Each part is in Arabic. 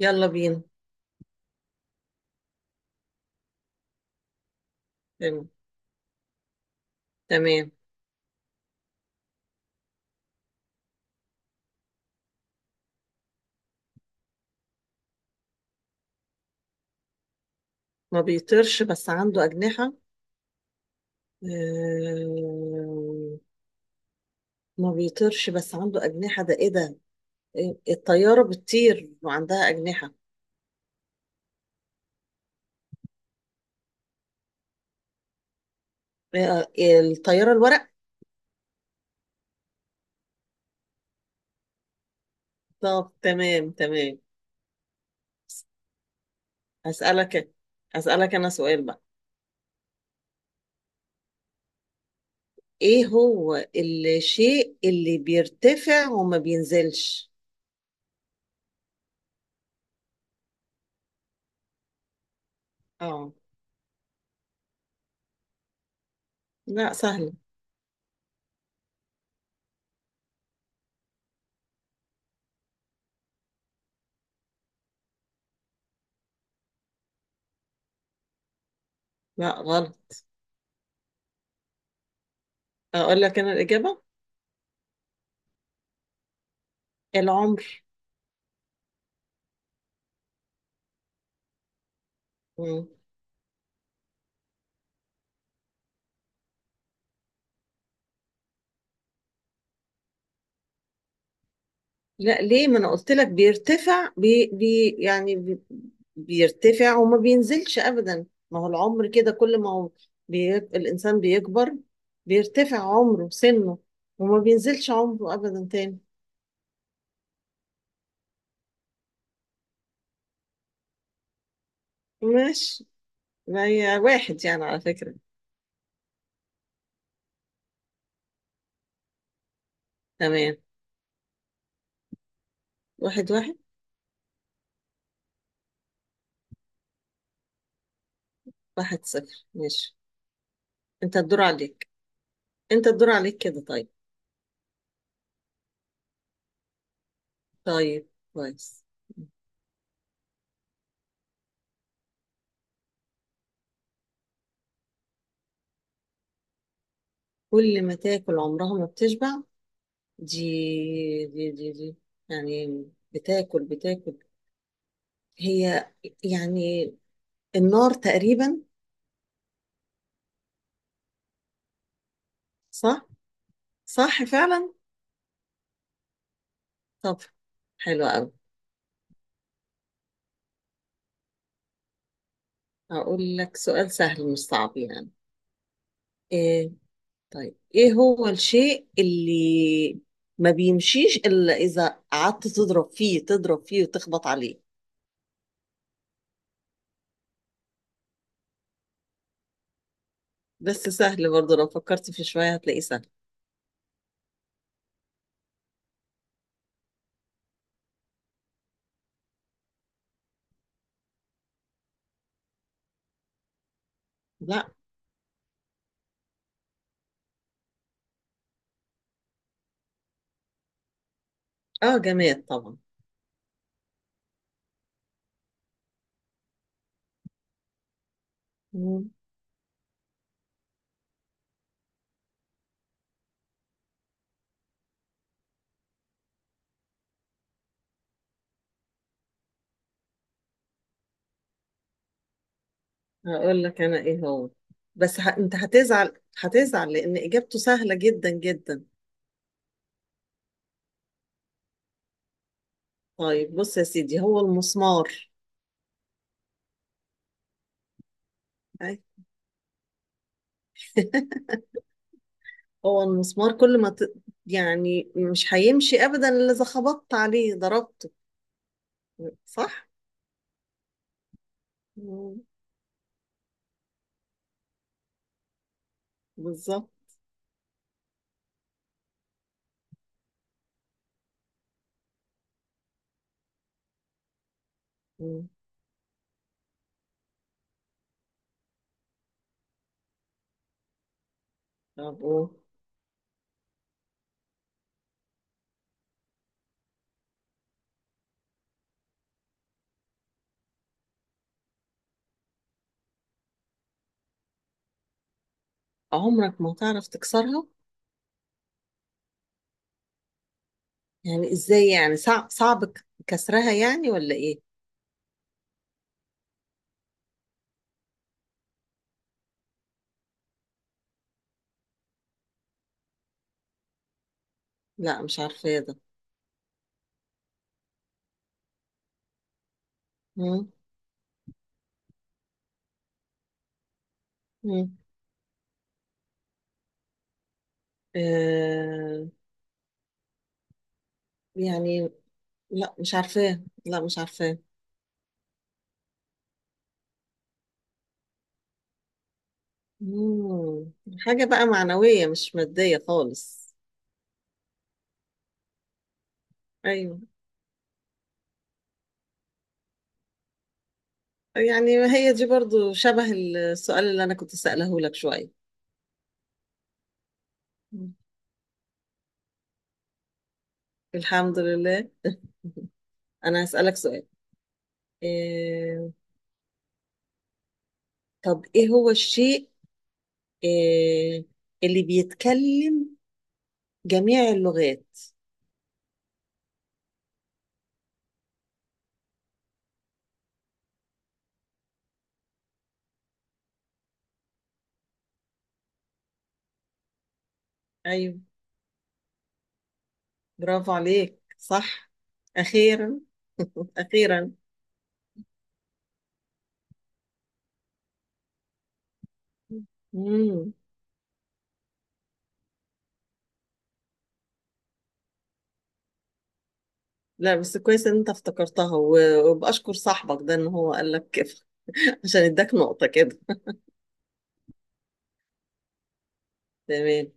يلا بينا. تم- تمام. ما بيطيرش بس عنده أجنحة؟ آه، ما بيطيرش بس عنده أجنحة، ده إيه ده؟ الطيارة بتطير وعندها أجنحة. آه، الطيارة الورق. طب تمام. هسألك، أنا سؤال بقى. إيه هو الشيء اللي بيرتفع وما بينزلش؟ اه. لا، سهل. لا، غلط. أقول لك أنا الإجابة، العمر. لا، ليه؟ ما انا قلت لك بيرتفع، بي بي يعني بيرتفع وما بينزلش ابدا، ما هو العمر كده، كل ما هو الانسان بيكبر بيرتفع عمره سنه وما بينزلش عمره ابدا تاني. ماشي، ما هي واحد يعني على فكرة. تمام. واحد واحد. واحد صفر ماشي. انت الدور عليك، كده طيب. طيب. كويس. كل ما تاكل عمرها ما بتشبع؟ دي، يعني بتاكل هي يعني النار تقريبا. صح. صح فعلا. طب حلو قوي. هقول لك سؤال سهل مش صعب يعني. ايه؟ طيب ايه هو الشيء اللي ما بيمشيش الا اذا قعدت تضرب فيه، وتخبط عليه؟ بس سهل برضه، لو فكرت فيه شوية هتلاقيه سهل. لا. اه، جماد طبعا. هقول لك انا ايه هو. بس انت هتزعل، لان اجابته سهله جدا. طيب بص يا سيدي، هو المسمار. أي. هو المسمار، كل ما ت... يعني مش هيمشي ابدا الا اذا خبطت عليه ضربته. صح. مم. بالظبط. مم. طب و- عمرك ما تعرف تكسرها؟ يعني ازاي يعني؟ صعب، كسرها يعني ولا ايه؟ لا، مش عارفه ده. مم. مم. آه، يعني لا مش عارفاه، مم. حاجة بقى معنوية مش مادية خالص؟ أيوة. يعني هي دي برضو شبه السؤال اللي أنا كنت سأله لك شوية. مم. الحمد لله. أنا هسألك سؤال. إيه... طب إيه هو الشيء، إيه... اللي بيتكلم جميع اللغات؟ أيوة. برافو عليك، صح. أخيرا، أخيرا. مم. لا بس كويس ان انت افتكرتها، وبأشكر صاحبك ده ان هو قال لك كده، عشان اداك نقطة كده. تمام.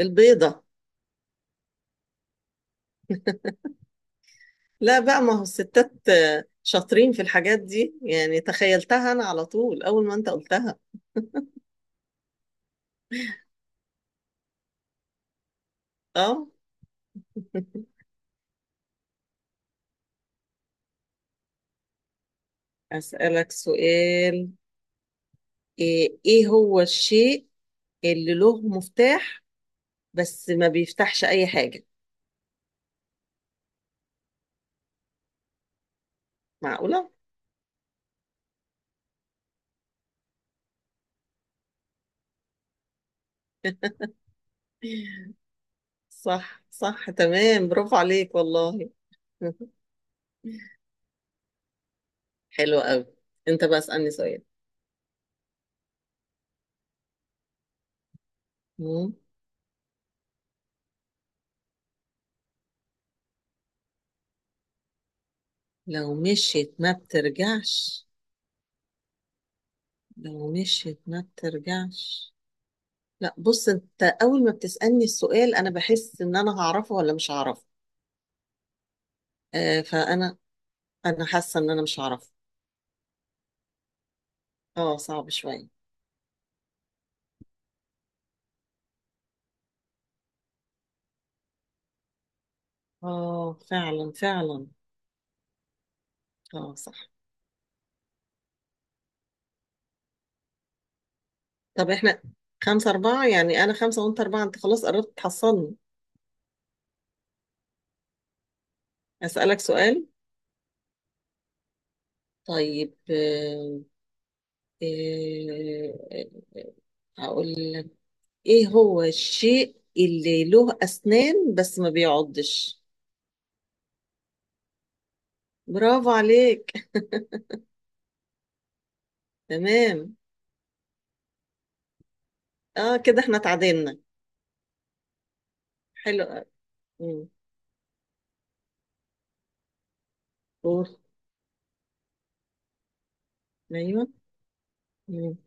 البيضة. لا بقى، ما هو الستات آه، شاطرين في الحاجات دي، يعني تخيلتها أنا على طول أول ما أنت قلتها. أه. أسألك سؤال. إيه هو الشيء اللي له مفتاح بس ما بيفتحش أي حاجة؟ معقولة؟ صح، صح، تمام، برافو عليك والله. حلو قوي. أنت بقى اسألني سؤال. مم. لو مشيت ما بترجعش، لو مشيت ما بترجعش لا بص، انت اول ما بتسألني السؤال انا بحس ان انا هعرفه ولا مش هعرفه. آه فانا انا حاسه ان انا مش هعرفه. اه، صعب شويه. اه فعلا، فعلا. اه صح. طب احنا خمسة أربعة، يعني أنا خمسة وأنت أربعة، أنت خلاص قربت تحصلني. أسألك سؤال. طيب، آه، آه، هقول لك إيه هو الشيء اللي له أسنان بس ما بيعضش؟ برافو عليك. تمام. اه كده احنا اتعدلنا. حلو قوي. مم. قول. ايوه. مم.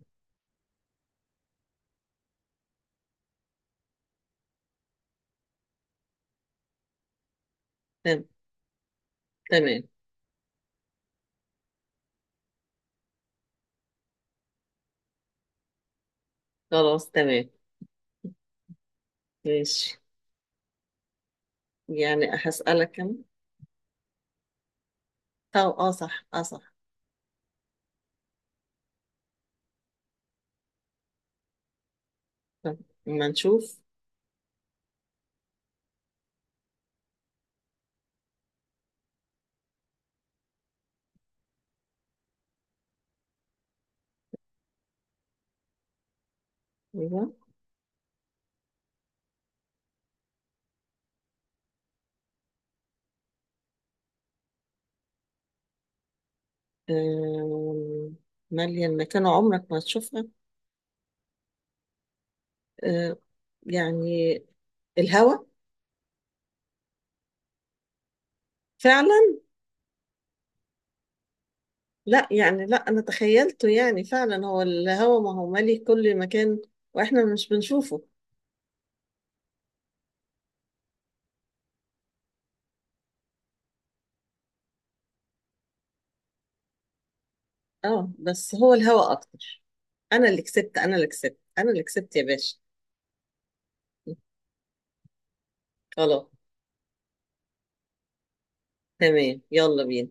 تمام. تمام. خلاص تمام. ماشي. يعني هسألك انا. طب اه صح، اه صح. طب ما نشوف. ايوه. آم، مالية المكان عمرك ما تشوفها؟ آه، يعني الهوا. فعلا. لا يعني، لا انا تخيلته، يعني فعلا هو الهوا، ما هو مالي كل مكان واحنا مش بنشوفه. اه بس هو الهوا اكتر. انا اللي كسبت، يا باشا. خلاص تمام، يلا بينا.